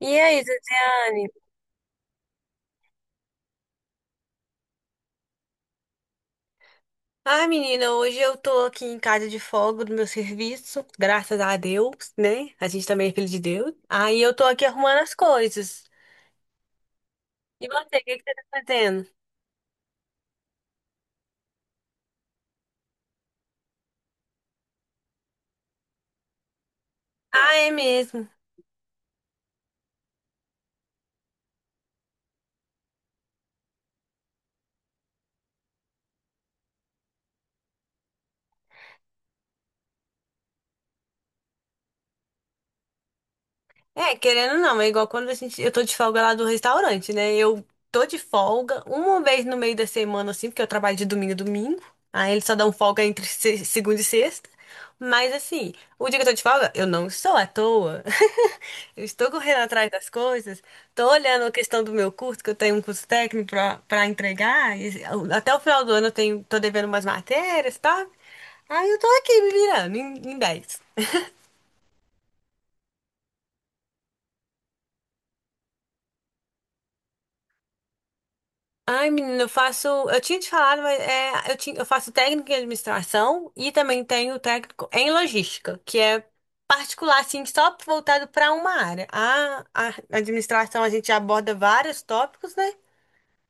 E aí, Ziziane? Ai, menina, hoje eu tô aqui em casa de folga do meu serviço, graças a Deus, né? A gente também é filho de Deus. Aí eu tô aqui arrumando as coisas. E você, o que que você tá fazendo? Ah, é mesmo. É, querendo ou não, é igual quando a gente, eu tô de folga lá do restaurante, né? Eu tô de folga uma vez no meio da semana, assim, porque eu trabalho de domingo a domingo. Aí eles só dão folga entre segunda e sexta. Mas assim, o dia que eu tô de folga, eu não estou à toa. Eu estou correndo atrás das coisas, tô olhando a questão do meu curso, que eu tenho um curso técnico pra entregar. E até o final do ano eu tenho, tô devendo umas matérias, tá? Aí eu tô aqui me virando em 10. Ai, menina, eu faço. Eu tinha te falado, mas é, eu faço técnico em administração e também tenho técnico em logística, que é particular, assim, só voltado para uma área. A administração a gente aborda vários tópicos, né?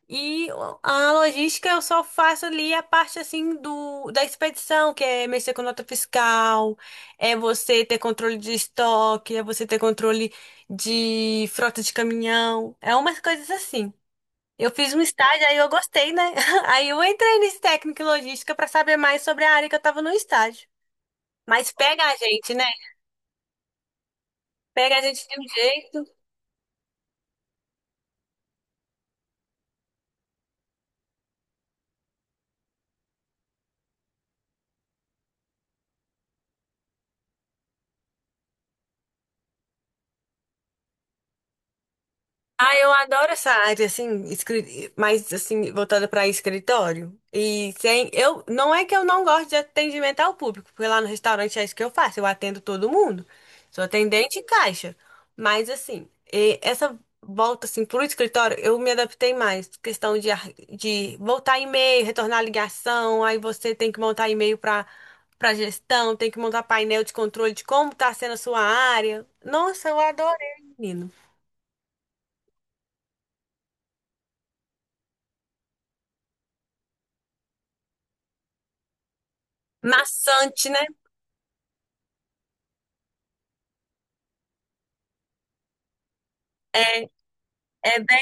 E a logística eu só faço ali a parte assim do da expedição, que é mexer com nota fiscal, é você ter controle de estoque, é você ter controle de frota de caminhão, é umas coisas assim. Eu fiz um estágio, aí eu gostei, né? Aí eu entrei nesse técnico em logística para saber mais sobre a área que eu estava no estágio. Mas pega a gente, né? Pega a gente de um jeito. Ah, eu adoro essa área, assim, mais, assim, voltada para escritório. E sem, eu, não é que eu não gosto de atendimento ao público, porque lá no restaurante é isso que eu faço, eu atendo todo mundo. Sou atendente e caixa. Mas, assim, e essa volta, assim, pro escritório, eu me adaptei mais. Questão de, de voltar e-mail, retornar ligação, aí você tem que montar e-mail para gestão, tem que montar painel de controle de como tá sendo a sua área. Nossa, eu adorei, menino. Maçante, né? É, né?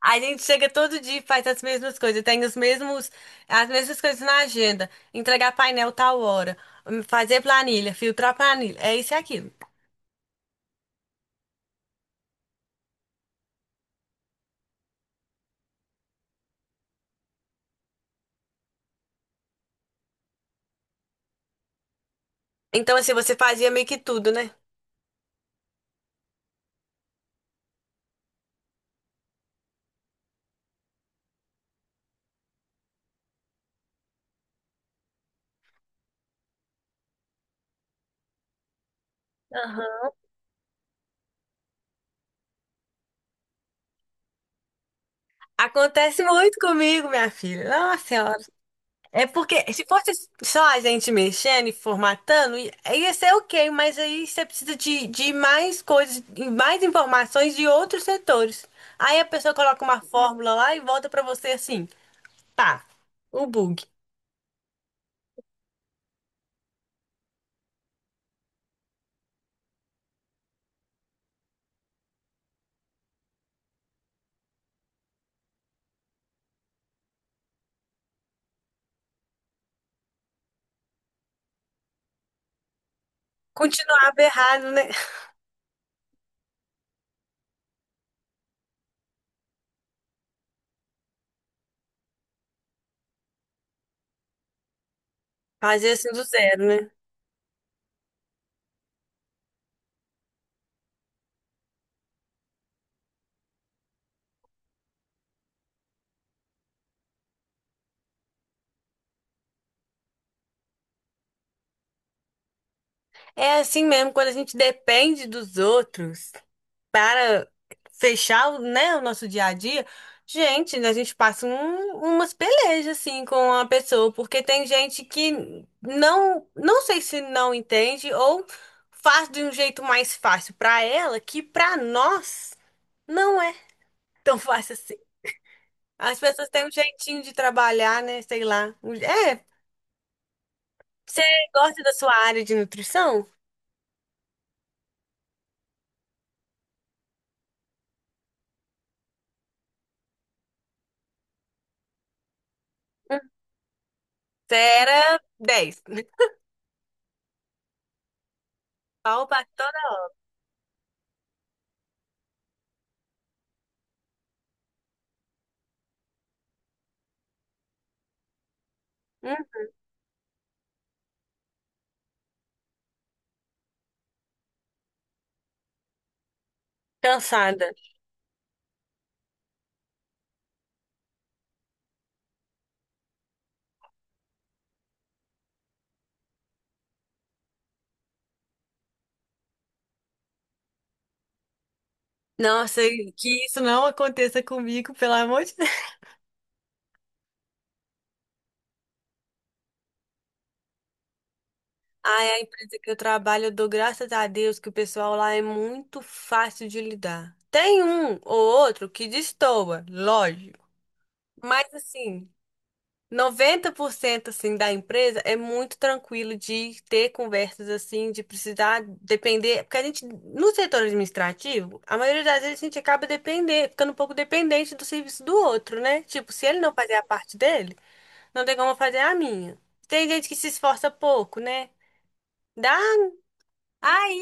A gente chega todo dia e faz as mesmas coisas, tem os mesmos, as mesmas coisas na agenda. Entregar painel tal hora, fazer planilha, filtrar planilha, é isso e aquilo. Então, assim, você fazia meio que tudo, né? Aham. Acontece muito comigo, minha filha. Nossa senhora. É porque se fosse só a gente mexendo e formatando, ia ser ok, mas aí você precisa de mais coisas, de mais informações de outros setores. Aí a pessoa coloca uma fórmula lá e volta pra você assim. Tá, o bug. Continuava errado, né? Fazer assim do zero, né? É assim mesmo, quando a gente depende dos outros para fechar, né, o nosso dia a dia, gente, a gente passa umas pelejas assim com a pessoa, porque tem gente que não sei se não entende ou faz de um jeito mais fácil para ela, que para nós não é tão fácil assim. As pessoas têm um jeitinho de trabalhar, né? Sei lá. É, você gosta da sua área de nutrição? Hum. Você era 10. Opa, toda hum, cansada. Nossa, que isso não aconteça comigo, pelo amor de Deus. Ai, a empresa que eu trabalho, eu dou graças a Deus que o pessoal lá é muito fácil de lidar. Tem um ou outro que destoa, lógico. Mas assim, 90% assim da empresa é muito tranquilo de ter conversas assim, de precisar depender, porque a gente no setor administrativo, a maioria das vezes a gente acaba depender, ficando um pouco dependente do serviço do outro, né? Tipo, se ele não fazer a parte dele, não tem como eu fazer a minha. Tem gente que se esforça pouco, né? Dá, ai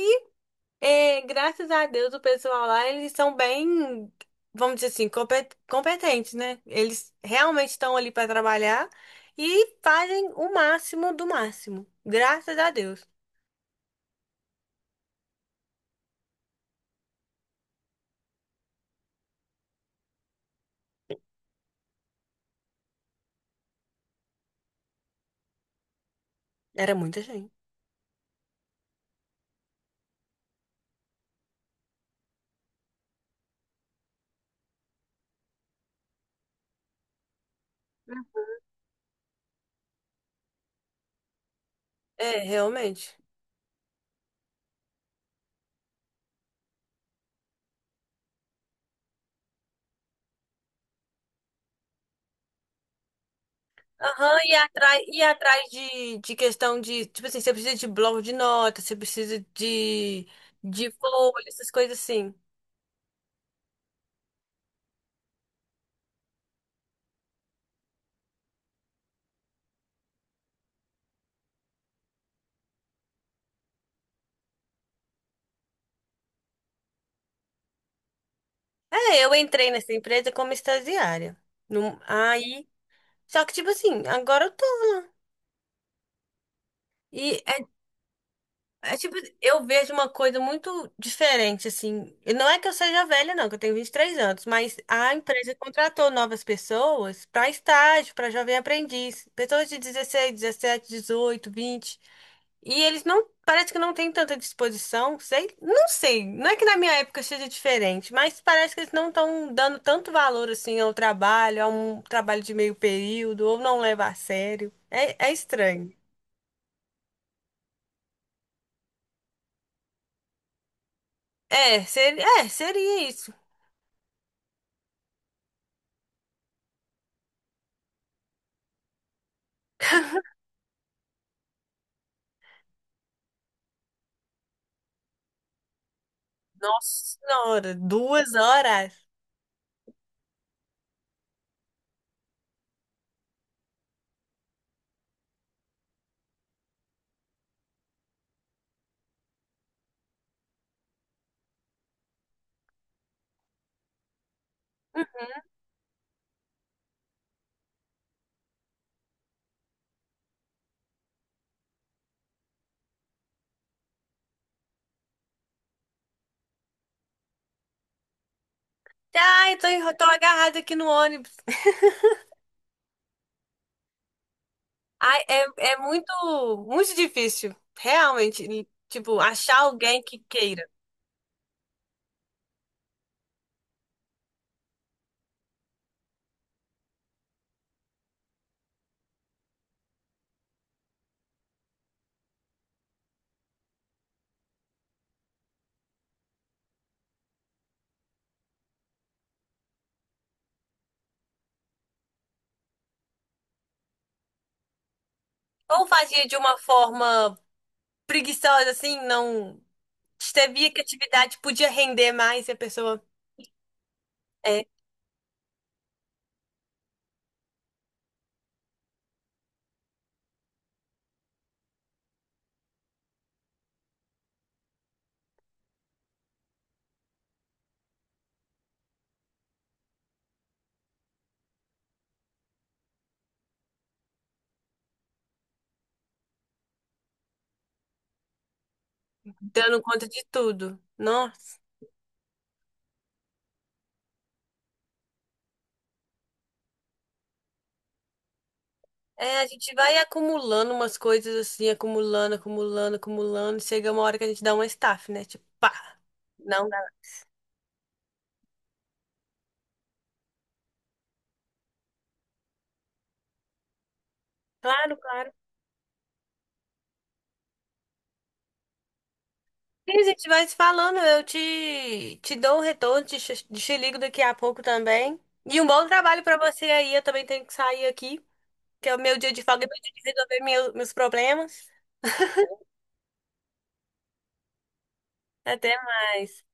é, graças a Deus, o pessoal lá, eles são bem, vamos dizer assim, competentes, né? Eles realmente estão ali para trabalhar e fazem o máximo do máximo. Graças a Deus. Era muita gente. É, realmente. Aham, e atrás de questão de, tipo assim, você precisa de bloco de notas, você precisa de folha, essas coisas assim. É, eu entrei nessa empresa como estagiária. Aí, só que, tipo assim, agora eu tô. E é tipo, eu vejo uma coisa muito diferente, assim. E não é que eu seja velha, não, que eu tenho 23 anos, mas a empresa contratou novas pessoas para estágio, para jovem aprendiz, pessoas de 16, 17, 18, 20. E eles não, parece que não têm tanta disposição, sei. Não é que na minha época seja diferente, mas parece que eles não estão dando tanto valor assim ao trabalho, a um trabalho de meio período, ou não leva a sério. É, é estranho. É, seria isso. Nossa senhora, 2 horas. Uhum. Ai, tô, tô agarrada aqui no ônibus. Ai, é, é muito, muito difícil, realmente, e, tipo, achar alguém que queira. Ou fazia de uma forma preguiçosa, assim, não... Sabia que a atividade podia render mais e a pessoa é dando conta de tudo. Nossa. É, a gente vai acumulando umas coisas assim, acumulando, acumulando, acumulando. Chega uma hora que a gente dá uma staff, né? Tipo, pá, não. Claro, claro. E a gente vai se falando, eu te dou um retorno, te ligo daqui a pouco também. E um bom trabalho pra você aí, eu também tenho que sair aqui, que é o meu dia de folga, é meu dia de resolver meus problemas. Até mais.